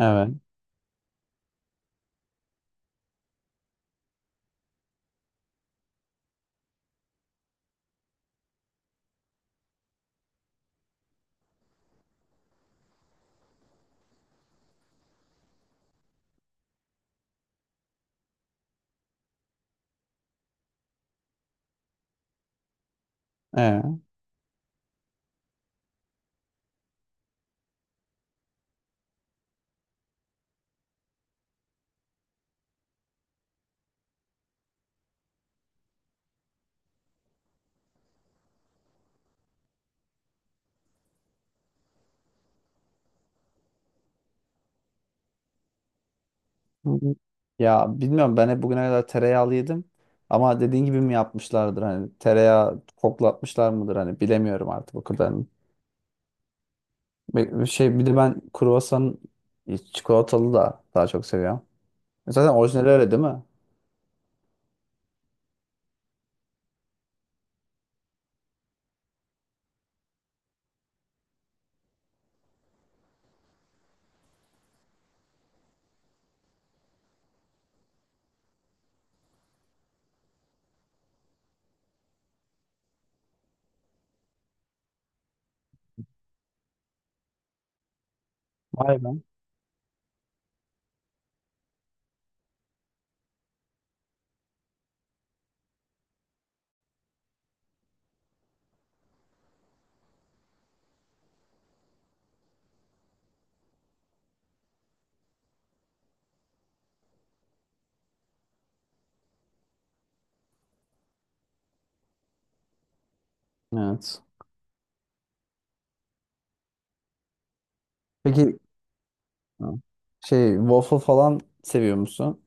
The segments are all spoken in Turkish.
Evet. Ee. Ya bilmiyorum, ben hep bugüne kadar tereyağlı yedim. Ama dediğin gibi mi yapmışlardır, hani tereyağı koklatmışlar mıdır, hani bilemiyorum artık o kadar. Bir şey, bir de ben kruvasan çikolatalı da daha çok seviyorum. Zaten orijinali öyle değil mi? Vay be. Evet. Peki şey, waffle falan seviyor musun?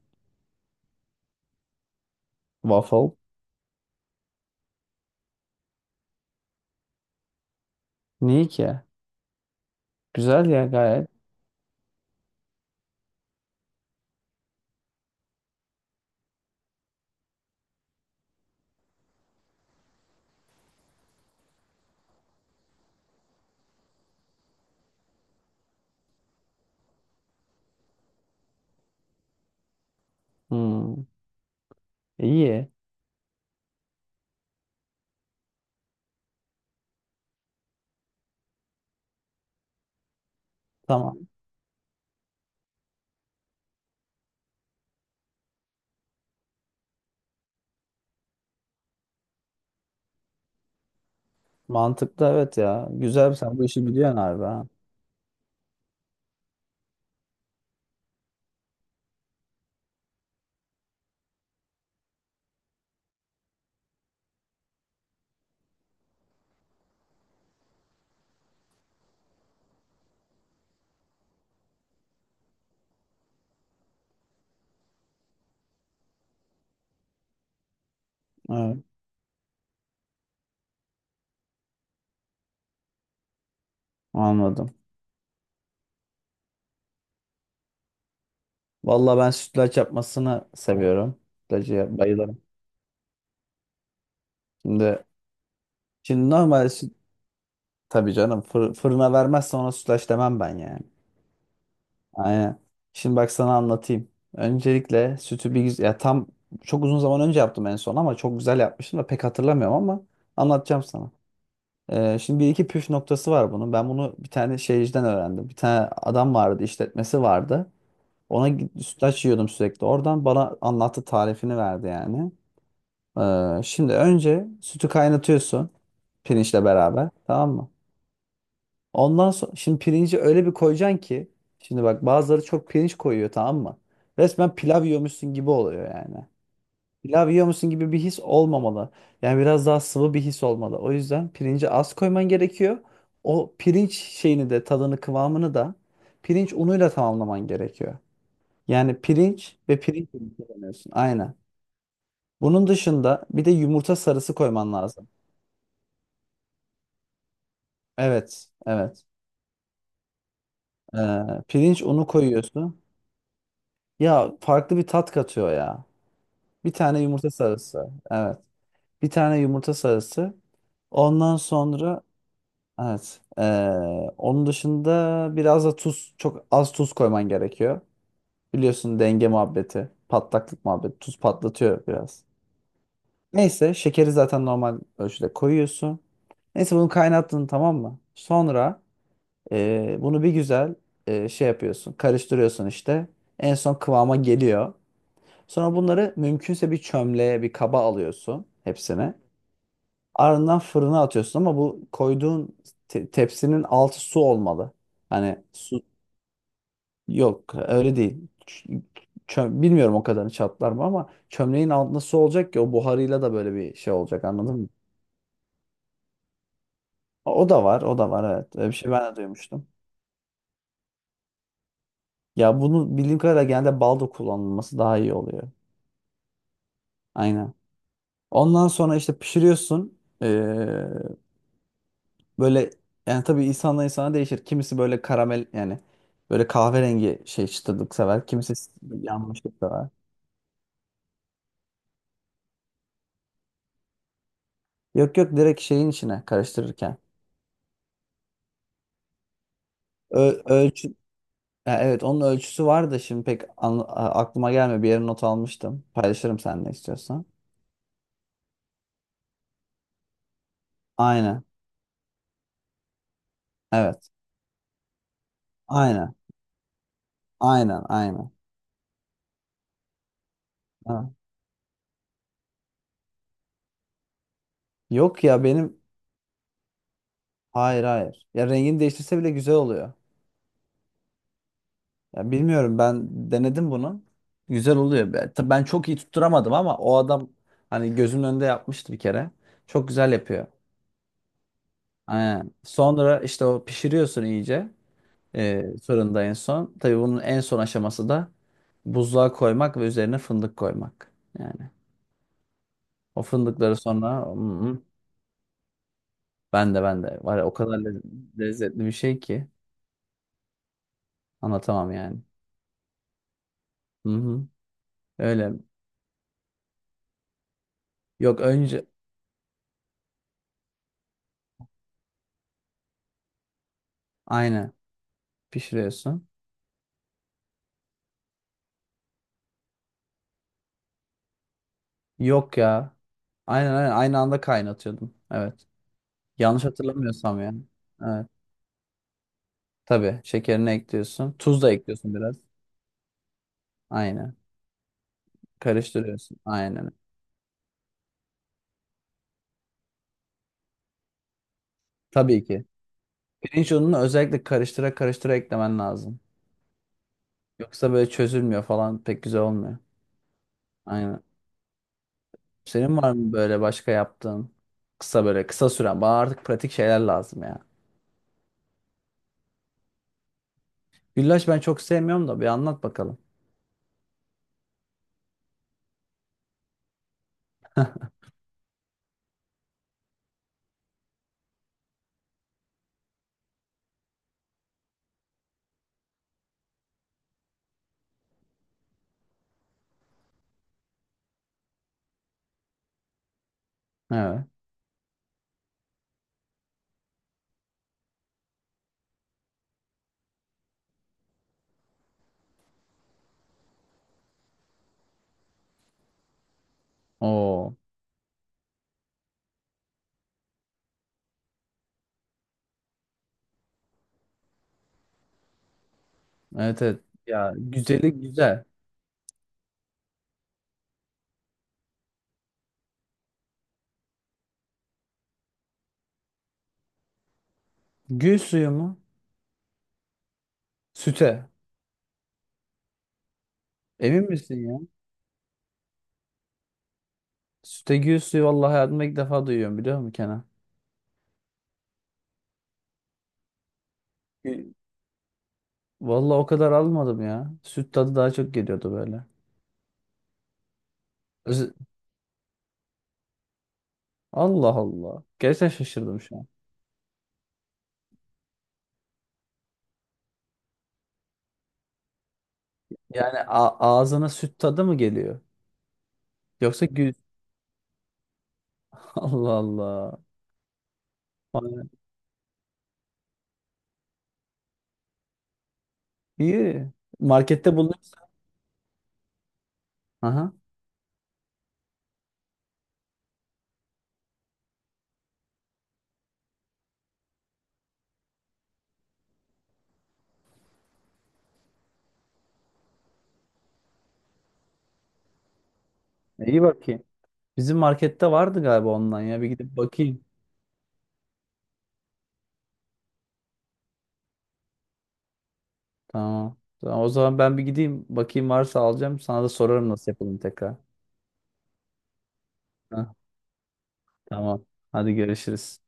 Waffle. Niye ki? Güzel ya gayet. Hmm. İyi. Tamam. Mantıklı evet ya. Güzel, sen bu işi biliyorsun abi. Ha. Anladım. Vallahi ben sütlaç yapmasını seviyorum. Sütlacı bayılırım. Şimdi şimdi normal süt, tabii canım, fır- fırına vermezsen ona sütlaç demem ben yani. Aynen. Şimdi bak sana anlatayım. Öncelikle sütü bir güzel ya, tam çok uzun zaman önce yaptım en son, ama çok güzel yapmıştım da pek hatırlamıyorum, ama anlatacağım sana. Şimdi bir iki püf noktası var bunun. Ben bunu bir tane şeyciden öğrendim. Bir tane adam vardı, işletmesi vardı. Ona git- sütlaç yiyordum sürekli. Oradan bana anlattı, tarifini verdi yani. Şimdi önce sütü kaynatıyorsun, pirinçle beraber, tamam mı? Ondan sonra, şimdi pirinci öyle bir koyacaksın ki, şimdi bak, bazıları çok pirinç koyuyor, tamam mı? Resmen pilav yiyormuşsun gibi oluyor yani. Pilav yiyormuşsun gibi bir his olmamalı. Yani biraz daha sıvı bir his olmalı. O yüzden pirinci az koyman gerekiyor. O pirinç şeyini de, tadını kıvamını da, pirinç unuyla tamamlaman gerekiyor. Yani pirinç ve pirinç unu kullanıyorsun. Aynen. Bunun dışında bir de yumurta sarısı koyman lazım. Evet, evet. Pirinç unu koyuyorsun. Ya farklı bir tat katıyor ya. Bir tane yumurta sarısı. Evet. Bir tane yumurta sarısı. Ondan sonra evet. Onun dışında biraz da tuz. Çok az tuz koyman gerekiyor. Biliyorsun, denge muhabbeti. Patlaklık muhabbeti. Tuz patlatıyor biraz. Neyse, şekeri zaten normal ölçüde koyuyorsun. Neyse, bunu kaynattın, tamam mı? Sonra bunu bir güzel, şey yapıyorsun, karıştırıyorsun işte. En son kıvama geliyor. Sonra bunları mümkünse bir çömleğe, bir kaba alıyorsun hepsini. Ardından fırına atıyorsun, ama bu koyduğun te- tepsinin altı su olmalı. Hani su yok, öyle değil. Ç- çö- bilmiyorum o kadarını, çatlar mı, ama çömleğin altında su olacak ki o buharıyla da böyle bir şey olacak, anladın mı? O da var, o da var, evet. Öyle bir şey ben de duymuştum. Ya bunu bildiğim kadarıyla genelde balda kullanılması daha iyi oluyor. Aynen. Ondan sonra işte pişiriyorsun. Böyle yani, tabii insanla insana değişir. Kimisi böyle karamel yani, böyle kahverengi şey, çıtırlık sever. Kimisi yanmışlık sever. Yok yok, direkt şeyin içine karıştırırken. Ö- ölçü. Ha, evet, onun ölçüsü var da şimdi pek an- a- aklıma gelmiyor. Bir yere not almıştım. Paylaşırım seninle istiyorsan. Aynen. Evet. Aynen. Aynen. Aynen. Ha. Yok ya, benim hayır hayır. Ya rengini değiştirse bile güzel oluyor. Ya bilmiyorum, ben denedim bunu. Güzel oluyor. Ben tabii çok iyi tutturamadım, ama o adam hani gözümün önünde yapmıştı bir kere. Çok güzel yapıyor. Aynen. Sonra işte o pişiriyorsun iyice, fırında en son. Tabii bunun en son aşaması da buzluğa koymak ve üzerine fındık koymak. Yani o fındıkları sonra. Hı-hı. Ben de var ya, o kadar le- lezzetli bir şey ki anlatamam yani. Hı hı. Öyle. Yok, önce aynı pişiriyorsun. Yok ya. Aynen aynen, aynı anda kaynatıyordum. Evet. Yanlış hatırlamıyorsam yani. Evet. Tabii şekerini ekliyorsun. Tuz da ekliyorsun biraz. Aynen. Karıştırıyorsun. Aynen. Tabii ki. Pirinç ununu özellikle karıştıra karıştıra eklemen lazım. Yoksa böyle çözülmüyor falan, pek güzel olmuyor. Aynen. Senin var mı böyle başka yaptığın, böyle kısa süren? Bana artık pratik şeyler lazım ya. Güllaç ben çok sevmiyorum da, bir anlat bakalım. Evet. Oo. Evet evet. Ya güzeli güzel. Gül suyu mu? Süte. Emin misin ya? Süte gül suyu, vallahi hayatımda ilk defa duyuyorum, biliyor musun Kenan? E, Vallahi o kadar almadım ya. Süt tadı daha çok geliyordu böyle. Öz- Allah Allah. Gerçekten şaşırdım şu an. Yani a- ağzına süt tadı mı geliyor? Yoksa gül... Allah Allah. Vay. İyi. Markette bulunuyor. Aha. İyi, bakayım. Bizim markette vardı galiba, ondan ya. Bir gidip bakayım. Tamam. Tamam, o zaman ben bir gideyim. Bakayım, varsa alacağım. Sana da sorarım, nasıl yapalım tekrar. Hah. Tamam. Hadi görüşürüz.